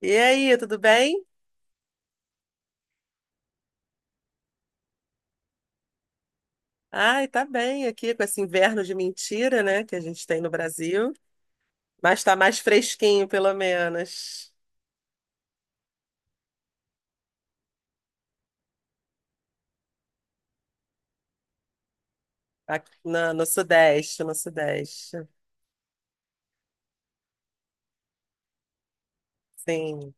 E aí, tudo bem? Ai, tá bem aqui com esse inverno de mentira, né, que a gente tem no Brasil, mas tá mais fresquinho, pelo menos, aqui na- no, Sudeste, no Sudeste. Sim.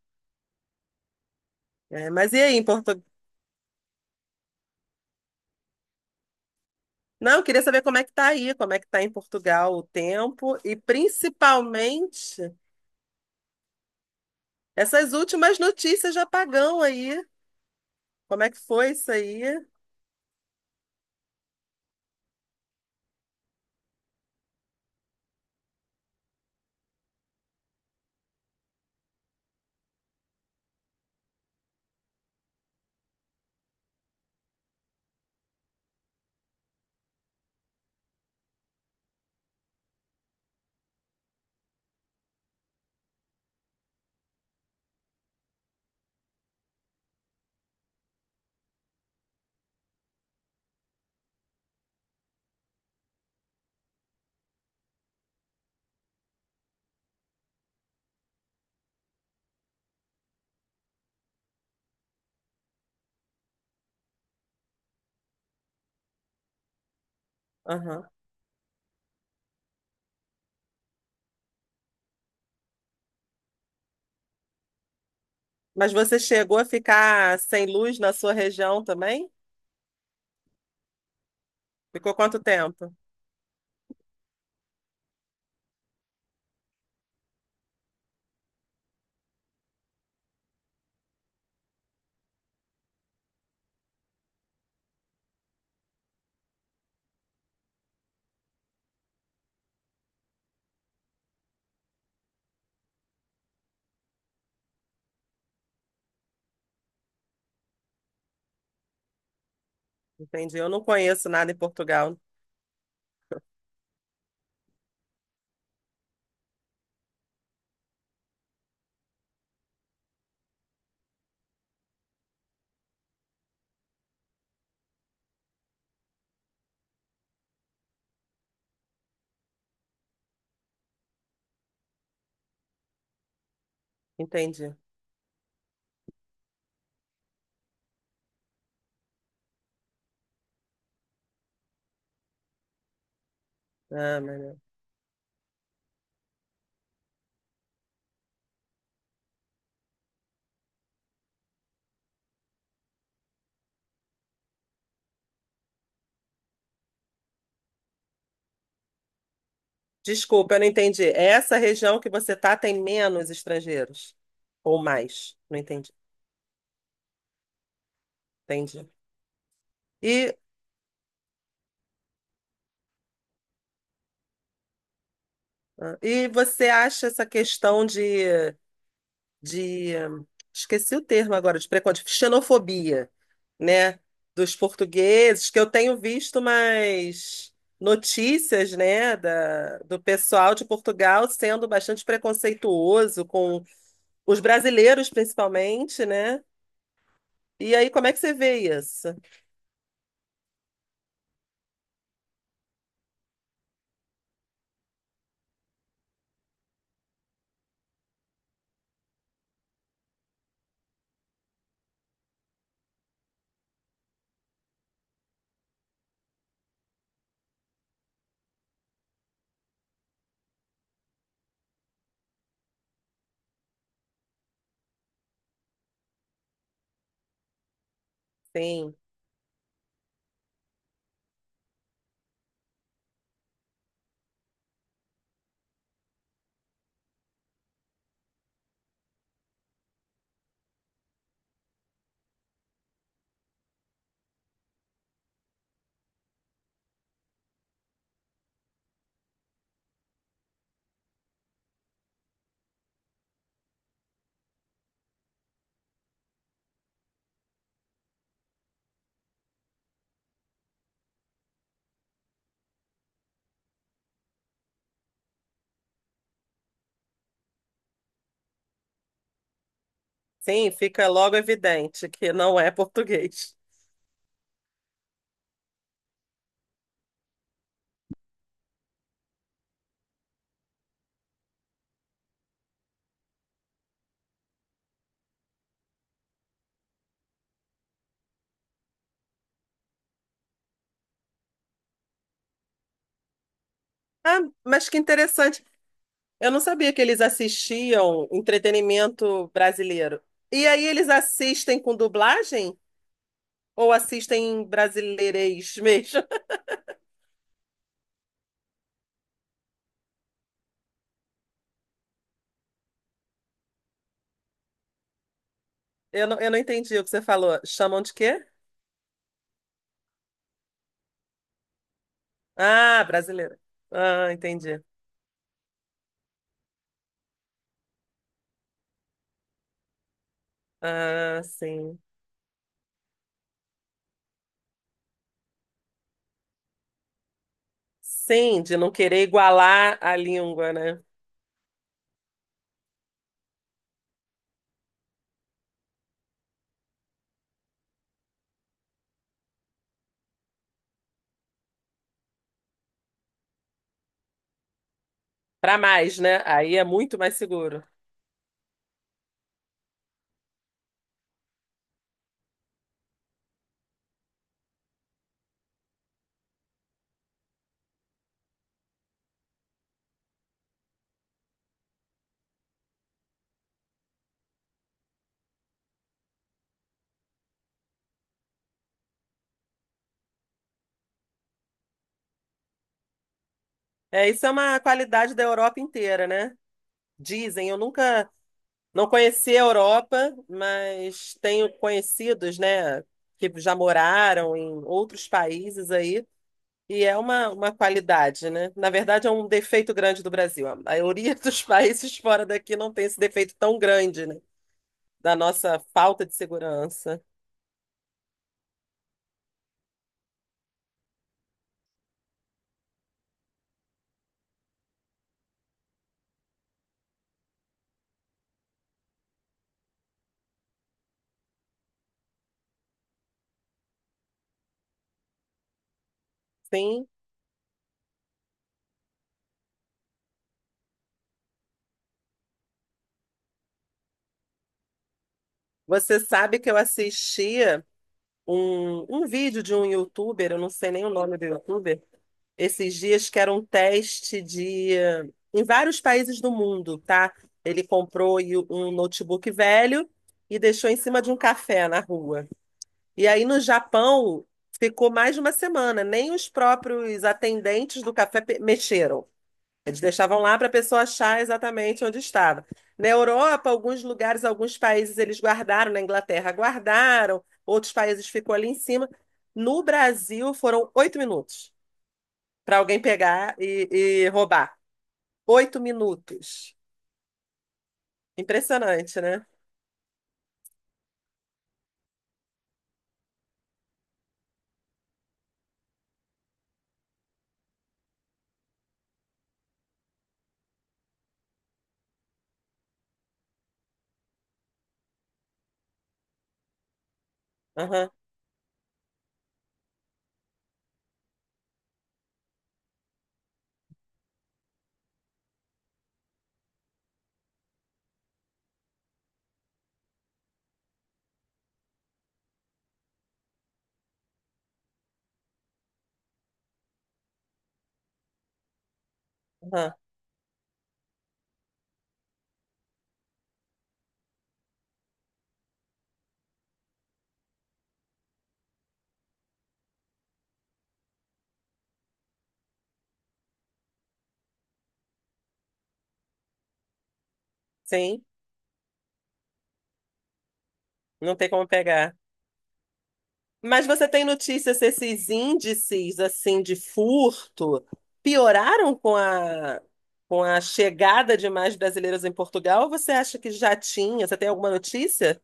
É, mas e aí, em Portugal? Não, eu queria saber como é que tá aí, como é que tá em Portugal o tempo e principalmente essas últimas notícias de apagão aí. Como é que foi isso aí? Aham. Mas você chegou a ficar sem luz na sua região também? Ficou quanto tempo? Entendi. Eu não conheço nada em Portugal. Entendi. Ah, meu Deus. Desculpa, eu não entendi. É Essa região que você tá tem menos estrangeiros ou mais? Não entendi. Entendi. E, e você acha essa questão de esqueci o termo agora, de preconceito, xenofobia, né, dos portugueses, que eu tenho visto mais notícias, né, do pessoal de Portugal sendo bastante preconceituoso com os brasileiros, principalmente, né? E aí, como é que você vê isso? Sim, sim, fica logo evidente que não é português. Ah, mas que interessante. Eu não sabia que eles assistiam entretenimento brasileiro. E aí, eles assistem com dublagem ou assistem em brasileirês mesmo? Eu não entendi o que você falou. Chamam de quê? Ah, brasileiro. Ah, entendi. Ah, sim. Sim, de não querer igualar a língua, né? Para mais, né? Aí é muito mais seguro. É, isso é uma qualidade da Europa inteira, né? Dizem, eu nunca não conheci a Europa, mas tenho conhecidos, né, que já moraram em outros países aí, e é uma qualidade, né? Na verdade, é um defeito grande do Brasil. A maioria dos países fora daqui não tem esse defeito tão grande, né? Da nossa falta de segurança. Sim, você sabe que eu assisti um vídeo de um youtuber, eu não sei nem o nome do youtuber, esses dias que era um teste de em vários países do mundo, tá? Ele comprou e- o- Um notebook velho e deixou em cima de um café na rua. E aí no Japão ficou mais de uma semana, nem os próprios atendentes do café mexeram. Eles deixavam lá para a pessoa achar exatamente onde estava. Na Europa, alguns lugares, alguns países eles guardaram, na Inglaterra guardaram, outros países ficou ali em cima. No Brasil, foram 8 minutos para alguém pegar e roubar. 8 minutos. Impressionante, né? Aham, aham. Sim, não tem como pegar. Mas você tem notícia se esses índices assim de furto pioraram com a chegada de mais brasileiros em Portugal? Ou você acha que já tinha? Você tem alguma notícia?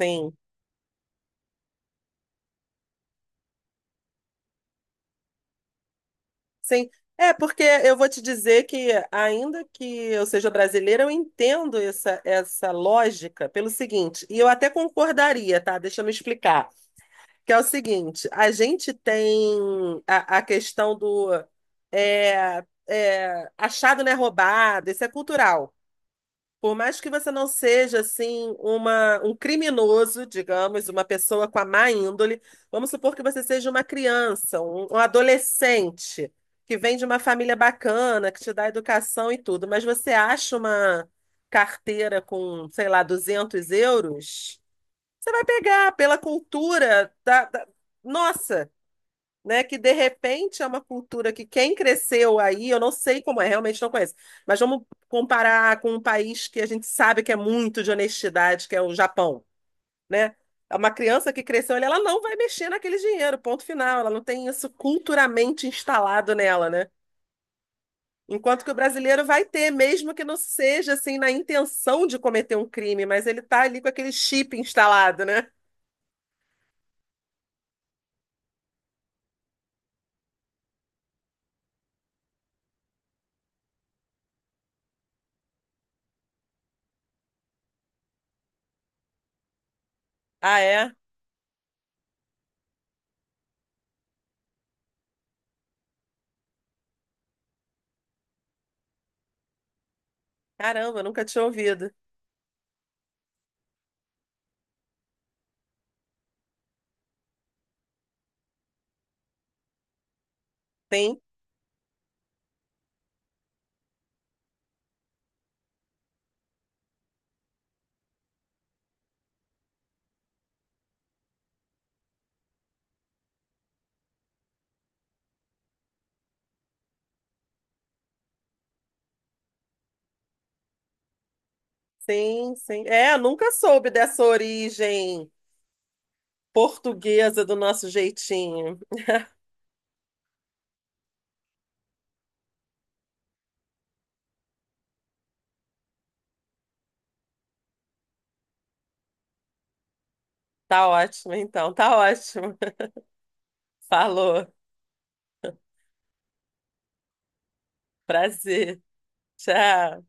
Sim, sim. É, porque eu vou te dizer que, ainda que eu seja brasileira, eu entendo essa lógica pelo seguinte, e eu até concordaria, tá? Deixa eu me explicar. Que é o seguinte, a gente tem a questão do achado não é roubado, isso é cultural. Por mais que você não seja assim um criminoso, digamos, uma pessoa com a má índole, vamos supor que você seja uma criança, um adolescente que vem de uma família bacana, que te dá educação e tudo, mas você acha uma carteira com, sei lá, 200 euros? Você vai pegar pela cultura nossa, né? Que de repente é uma cultura que quem cresceu aí, eu não sei como é, realmente não conheço. Mas vamos comparar com um país que a gente sabe que é muito de honestidade, que é o Japão, né? É Uma criança que cresceu ali, ela não vai mexer naquele dinheiro, ponto final. Ela não tem isso culturalmente instalado nela, né? Enquanto que o brasileiro vai ter, mesmo que não seja assim na intenção de cometer um crime, mas ele tá ali com aquele chip instalado, né? Ah, é? Caramba, nunca tinha ouvido. Sim, sim, sim. É, nunca soube dessa origem portuguesa do nosso jeitinho. Tá ótimo, então. Tá ótimo. Falou. Prazer. Tchau.